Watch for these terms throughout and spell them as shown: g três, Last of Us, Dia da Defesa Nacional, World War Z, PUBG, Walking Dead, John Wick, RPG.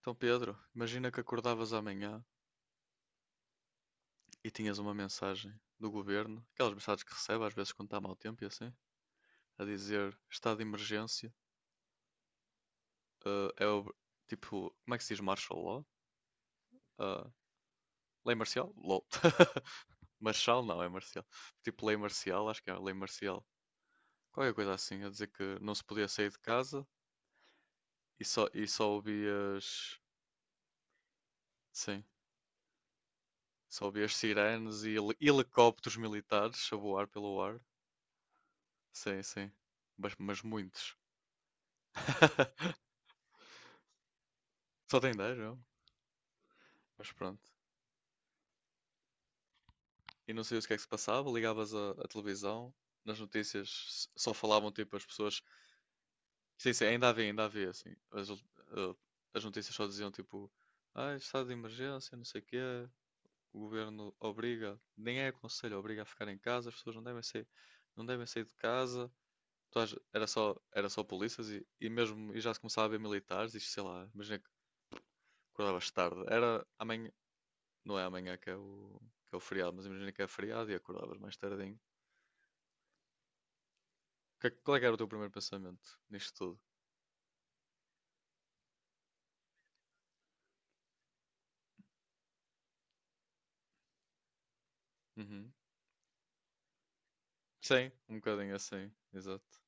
Então, Pedro, imagina que acordavas amanhã e tinhas uma mensagem do governo, aquelas mensagens que recebe às vezes quando está mau tempo e assim, a dizer estado de emergência, eh, é ob- tipo, como é que se diz martial law? Eh, Lei marcial? LOL. Marshall não, é marcial. Tipo lei marcial, acho que é lei marcial. Qualquer coisa assim, a dizer que não se podia sair de casa e só ouvias, sim, só ouvias sirenes e helicópteros militares a voar pelo ar. Sim, sim. Mas muitos. Só tem 10 mesmo? Mas pronto. E não sabias o que é que se passava, ligavas à televisão, nas notícias só falavam tipo as pessoas. Sim, sim, ainda havia, assim. Eh, as notícias só diziam tipo, ah, estado de emergência, não sei o quê, o governo obriga, nem é aconselho, obriga a ficar em casa, as pessoas não devem sair, não devem sair de casa. Era só polícias e mesmo e já se começava a ver militares, isto sei lá, imagina que acordavas tarde, era amanhã. Não é amanhã que é que é o feriado, mas imagina que é feriado e acordavas mais tardinho. Qual é que era o teu primeiro pensamento nisto tudo? Uhum. Sim, um bocadinho assim, exato.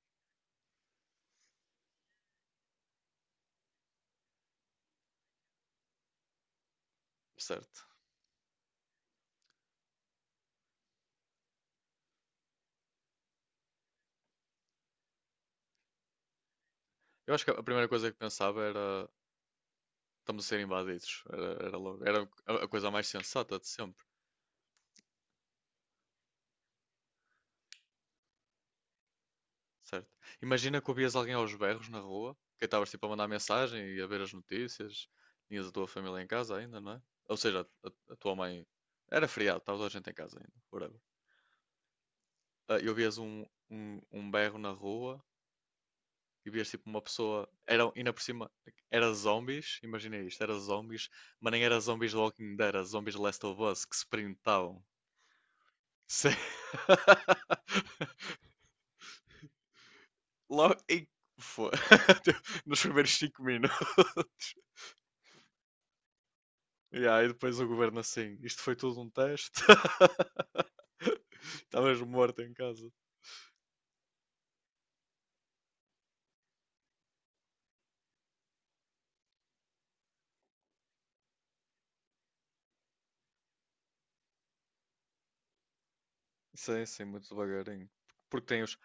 Certo. Eu acho que a primeira coisa que pensava era estamos a ser invadidos. Era, era logo, era a coisa mais sensata de sempre, certo? Imagina que ouvias alguém aos berros na rua, que estavas tipo a mandar mensagem e a ver as notícias, tinhas a tua família em casa ainda, não é? Ou seja, a tua mãe. Era feriado, estava toda a gente em casa ainda, whatever. Ah, eu vias um berro na rua e vias tipo uma pessoa. Era, ainda por cima, era zombies, imagina isto, era zombies, mas nem era zombies de Walking Dead, era zombies de Last of Us que se printavam. Se- Logo, e foi. Nos primeiros 5 minutos. Yeah, e depois o governo assim, isto foi tudo um teste. Estavas morto em casa. Sim, sim, muito devagarinho. Porque tem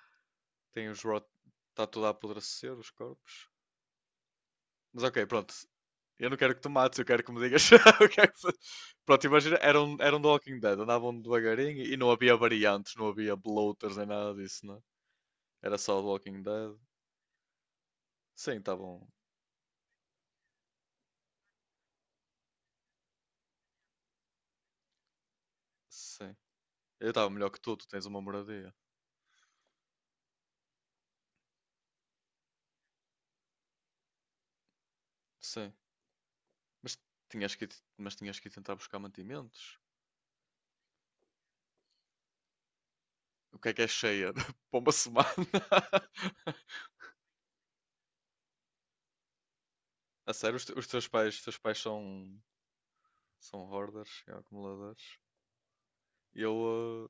tem os rot... Está tudo a apodrecer, os corpos. Mas ok, pronto. Eu não quero que tu mates, eu quero que me digas. o que é que Pronto, imagina, eram, eram The Walking Dead, andavam devagarinho e não havia variantes, não havia bloaters nem nada disso, né? Era só The Walking Dead. Sim, estavam. Sim. Eu estava melhor que tu, tu tens uma moradia. Sim. Mas tinhas que, mas tinhas que ir tentar buscar mantimentos. O que é cheia? Para uma semana? A sério, os teus pais são, são hoarders, são acumuladores. Eu,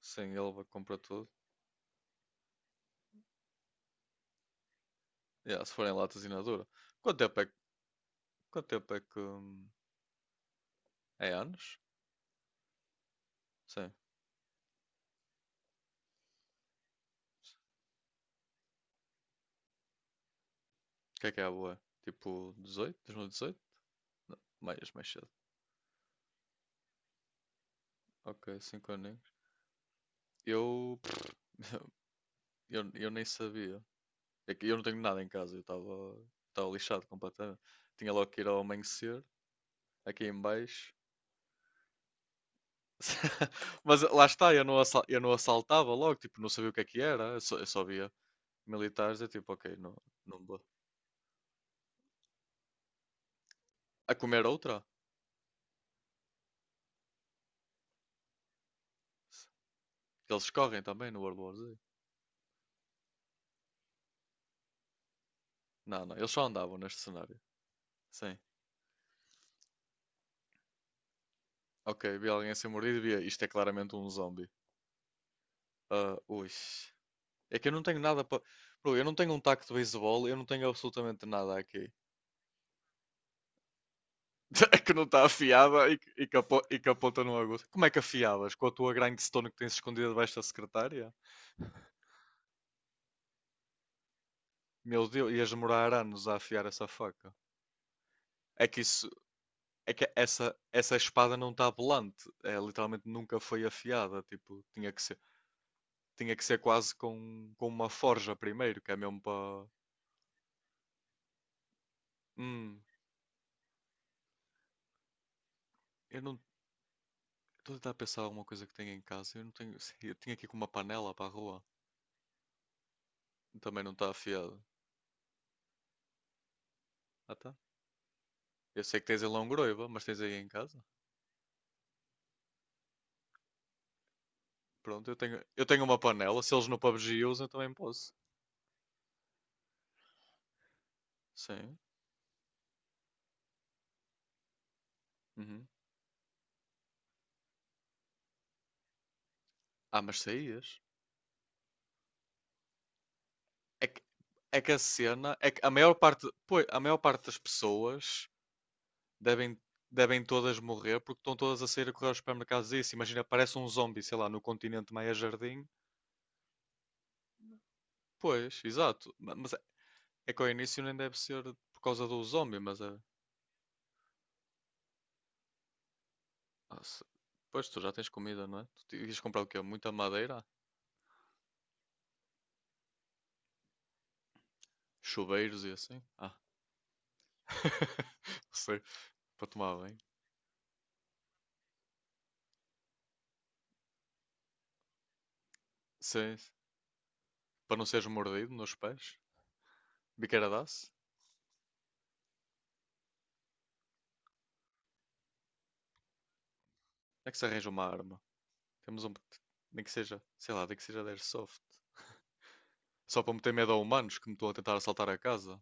sim, ele compra tudo. Yeah, se for em latas e na dura. Quanto tempo é, quanto tempo é que. É anos? Sim. O que é a boa? Tipo 18? 2018? Não, mais cedo. Ok, 5 aninhos. Eu, eu. Eu nem sabia. É que eu não tenho nada em casa, eu estava estava lixado completamente. Tinha logo que ir ao amanhecer, aqui em baixo. Mas lá está, eu não, eu não assaltava logo, tipo, não sabia o que é que era, eu só via militares, é tipo, ok, não, não vou. A comer outra? Eles correm também no World War Z? Não, não. Eles só andavam neste cenário. Sim. Ok, vi alguém a ser mordido e vi. Isto é claramente um zombie. Ah, ui. É que eu não tenho nada para. Eu não tenho um taco de beisebol, eu não tenho absolutamente nada aqui. Que não está afiada e que aponta no agudo. Como é que afiavas? Com a tua grindstone que tens escondida debaixo da secretária? Meu Deus, ias demorar anos a afiar essa faca. É que isso, é que essa espada não está volante. É, literalmente nunca foi afiada. Tipo, tinha que ser. Tinha que ser quase com uma forja primeiro, que é mesmo para. Hum, eu não. Estou a tentar pensar alguma coisa que tenha em casa. Eu não tenho. Eu tinha aqui com uma panela para a rua. Também não está afiada. Ah tá. Eu sei que tens aí longoroiva, mas tens aí em casa. Pronto, eu tenho uma panela. Se eles no PUBG usam, eu também posso. Sim. Uhum. Ah, mas saías. É que, é que a cena. É que a maior parte. Pois, a maior parte das pessoas devem, devem todas morrer porque estão todas a sair a correr aos supermercados e isso. Imagina, parece um zombie, sei lá, no continente Maia Jardim. Pois, exato. Mas é é que ao início nem deve ser por causa do zombie, mas é. Ah, se- Pois tu já tens comida, não é? Tu ias comprar o quê? Muita madeira? Chuveiros e assim? Ah, não sei. Para tomar bem. Sim, sim. Para não seres mordido nos pés. Biqueira dá-se? É que se arranja uma arma. Temos um. Nem que seja, sei lá, nem que seja de airsoft. Só para meter medo a humanos que me estão a tentar assaltar a casa.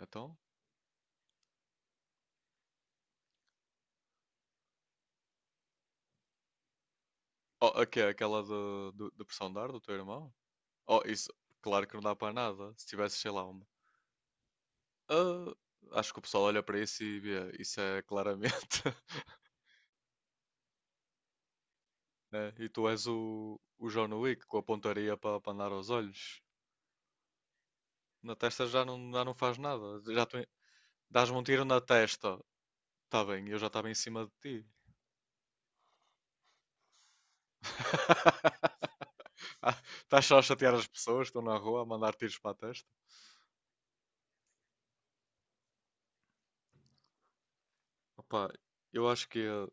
Então? Oh, aquela do, do, do pressão de ar do teu irmão? Oh, isso, claro que não dá para nada. Se tivesse, sei lá, uma. Ah, acho que o pessoal olha para isso e vê, isso é claramente. né? E tu és o John Wick com a pontaria para andar aos olhos. Na testa já não faz nada. Já tu, dás-me um tiro na testa. Está bem, eu já estava em cima de ti. Ah, estás só a chatear as pessoas que estão na rua a mandar tiros para a testa? Opa, eu acho que ia,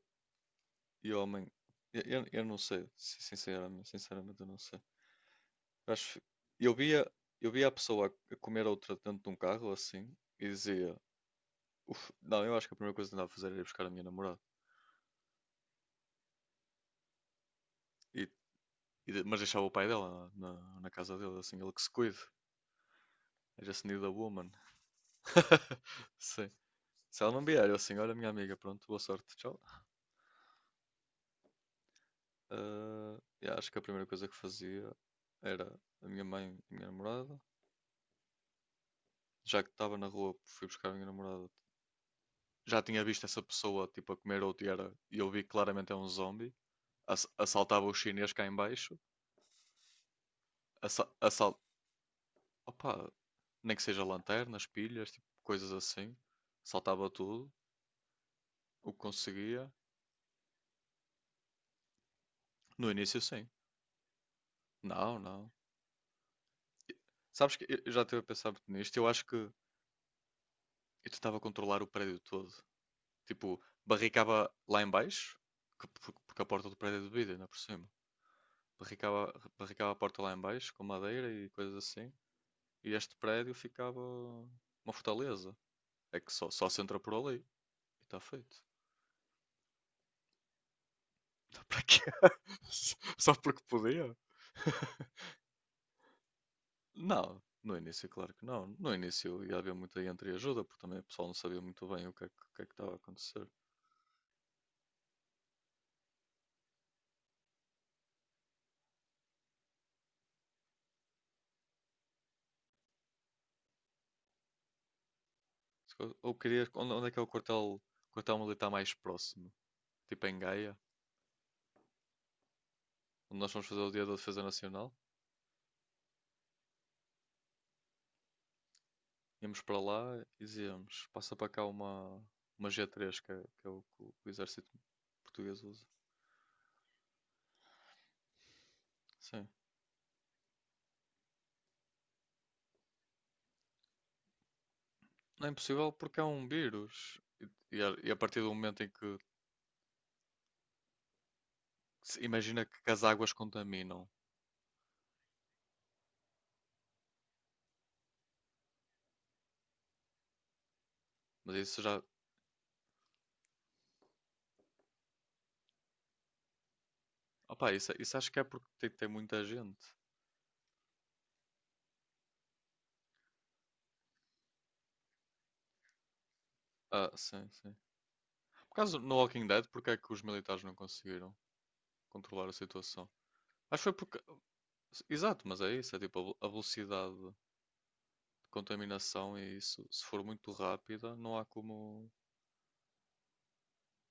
e homem, eu não sei, sinceramente, eu não sei. Acho, eu via, eu via a pessoa a comer a outra dentro de um carro assim e dizia, não, eu acho que a primeira coisa que andava a fazer era ir buscar a minha namorada. E, mas deixava o pai dela na, na casa dele, assim, ele que se cuide. I just need a woman. Sim. Se ela não vier, eu assim, olha minha amiga, pronto, boa sorte, tchau. Ah, eu acho que a primeira coisa que fazia era a minha mãe e a minha namorada. Já que estava na rua, fui buscar a minha namorada, já tinha visto essa pessoa tipo a comer ou era e eu vi que claramente é um zombie. Assaltava o chinês cá em baixo. Assa assal Opa, nem que seja lanternas, pilhas, tipo, coisas assim. Saltava tudo, o que conseguia. No início, sim. Não, não. Sabes que eu já estive a pensar muito nisto. Eu acho que eu tentava controlar o prédio todo. Tipo, barricava lá em baixo, porque a porta do prédio é de vidro, ainda por cima. Barricava, barricava a porta lá em baixo com madeira e coisas assim. E este prédio ficava uma fortaleza. É que só, só se entra por ali. E está feito. Para quê? Só porque podia? Não, no início, claro que não. No início ia haver muita entreajuda, porque também o pessoal não sabia muito bem o que é que, o que é que estava a acontecer. Ou queria. Onde, onde é que é quartel militar mais próximo? Tipo em Gaia, onde nós vamos fazer o Dia da Defesa Nacional. Íamos para lá e dizíamos: passa para cá uma g três que é o que o exército português usa. Sim. Não é impossível porque é um vírus. E, e a partir do momento em que se imagina que, as águas contaminam. Mas isso já. Opa, isso acho que é porque tem, tem muita gente. Ah, sim, sim. Por causa no Walking Dead, porque é que os militares não conseguiram controlar a situação? Acho que foi porque. Exato, mas é isso. É tipo a velocidade de contaminação e isso. Se for muito rápida, não há como,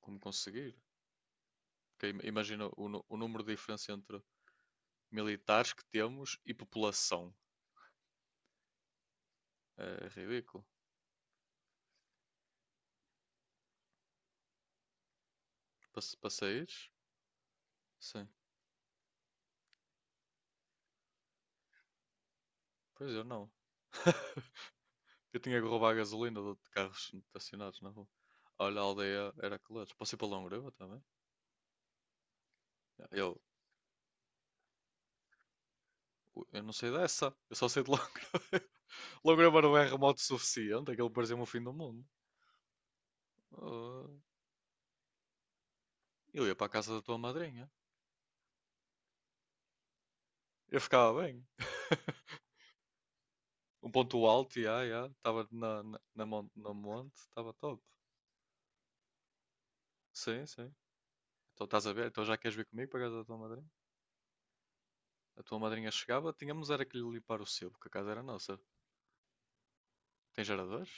como conseguir. Porque imagina o, o número de diferença entre militares que temos e população. É ridículo. Para, para saíres? Sim. Pois eu não. Eu tinha que roubar a gasolina de carros estacionados na rua. Olha, a aldeia era clutch. Posso ir para Longreva também? Yeah, eu não sei dessa. Eu só sei de Longreva. Longreva não é remoto o suficiente. Aquilo parecia-me o fim do mundo. Ah, eu ia para a casa da tua madrinha. Eu ficava bem. Um ponto alto, e já, já. Estava na, na, no monte. Estava top. Sim, sim. Então estás a ver? Então já queres vir comigo para a casa da tua madrinha? A tua madrinha chegava, tínhamos era que lhe limpar o sebo, porque a casa era nossa. Tem geradores?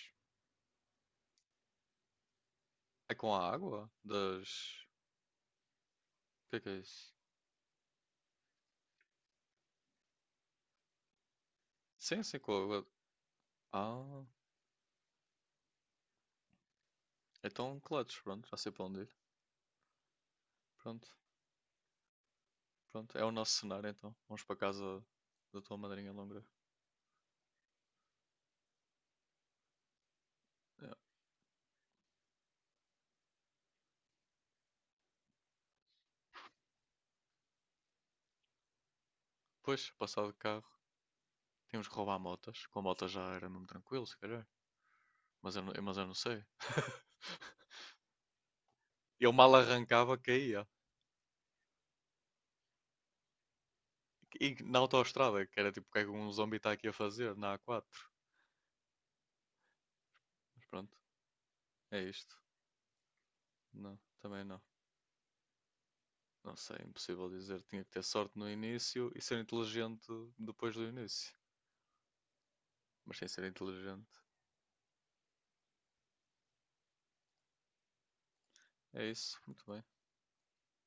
É com a água? Das. O que é isso? Sim, sim, com a água. Ah, então clutch, pronto, já sei para onde ir. Pronto, pronto, é o nosso cenário então. Vamos para a casa da tua madrinha longa. É. Pois, passar de carro, tínhamos que roubar motas. Com a mota já era mesmo tranquilo, se calhar. Mas eu, mas eu não sei. Eu mal arrancava, caía. E na autoestrada, que era tipo o que é que um zombi está aqui a fazer, na A4. Mas pronto, é isto. Não, também não. Não sei, é impossível dizer. Tinha que ter sorte no início e ser inteligente depois do início. Mas sem ser inteligente. É isso, muito bem.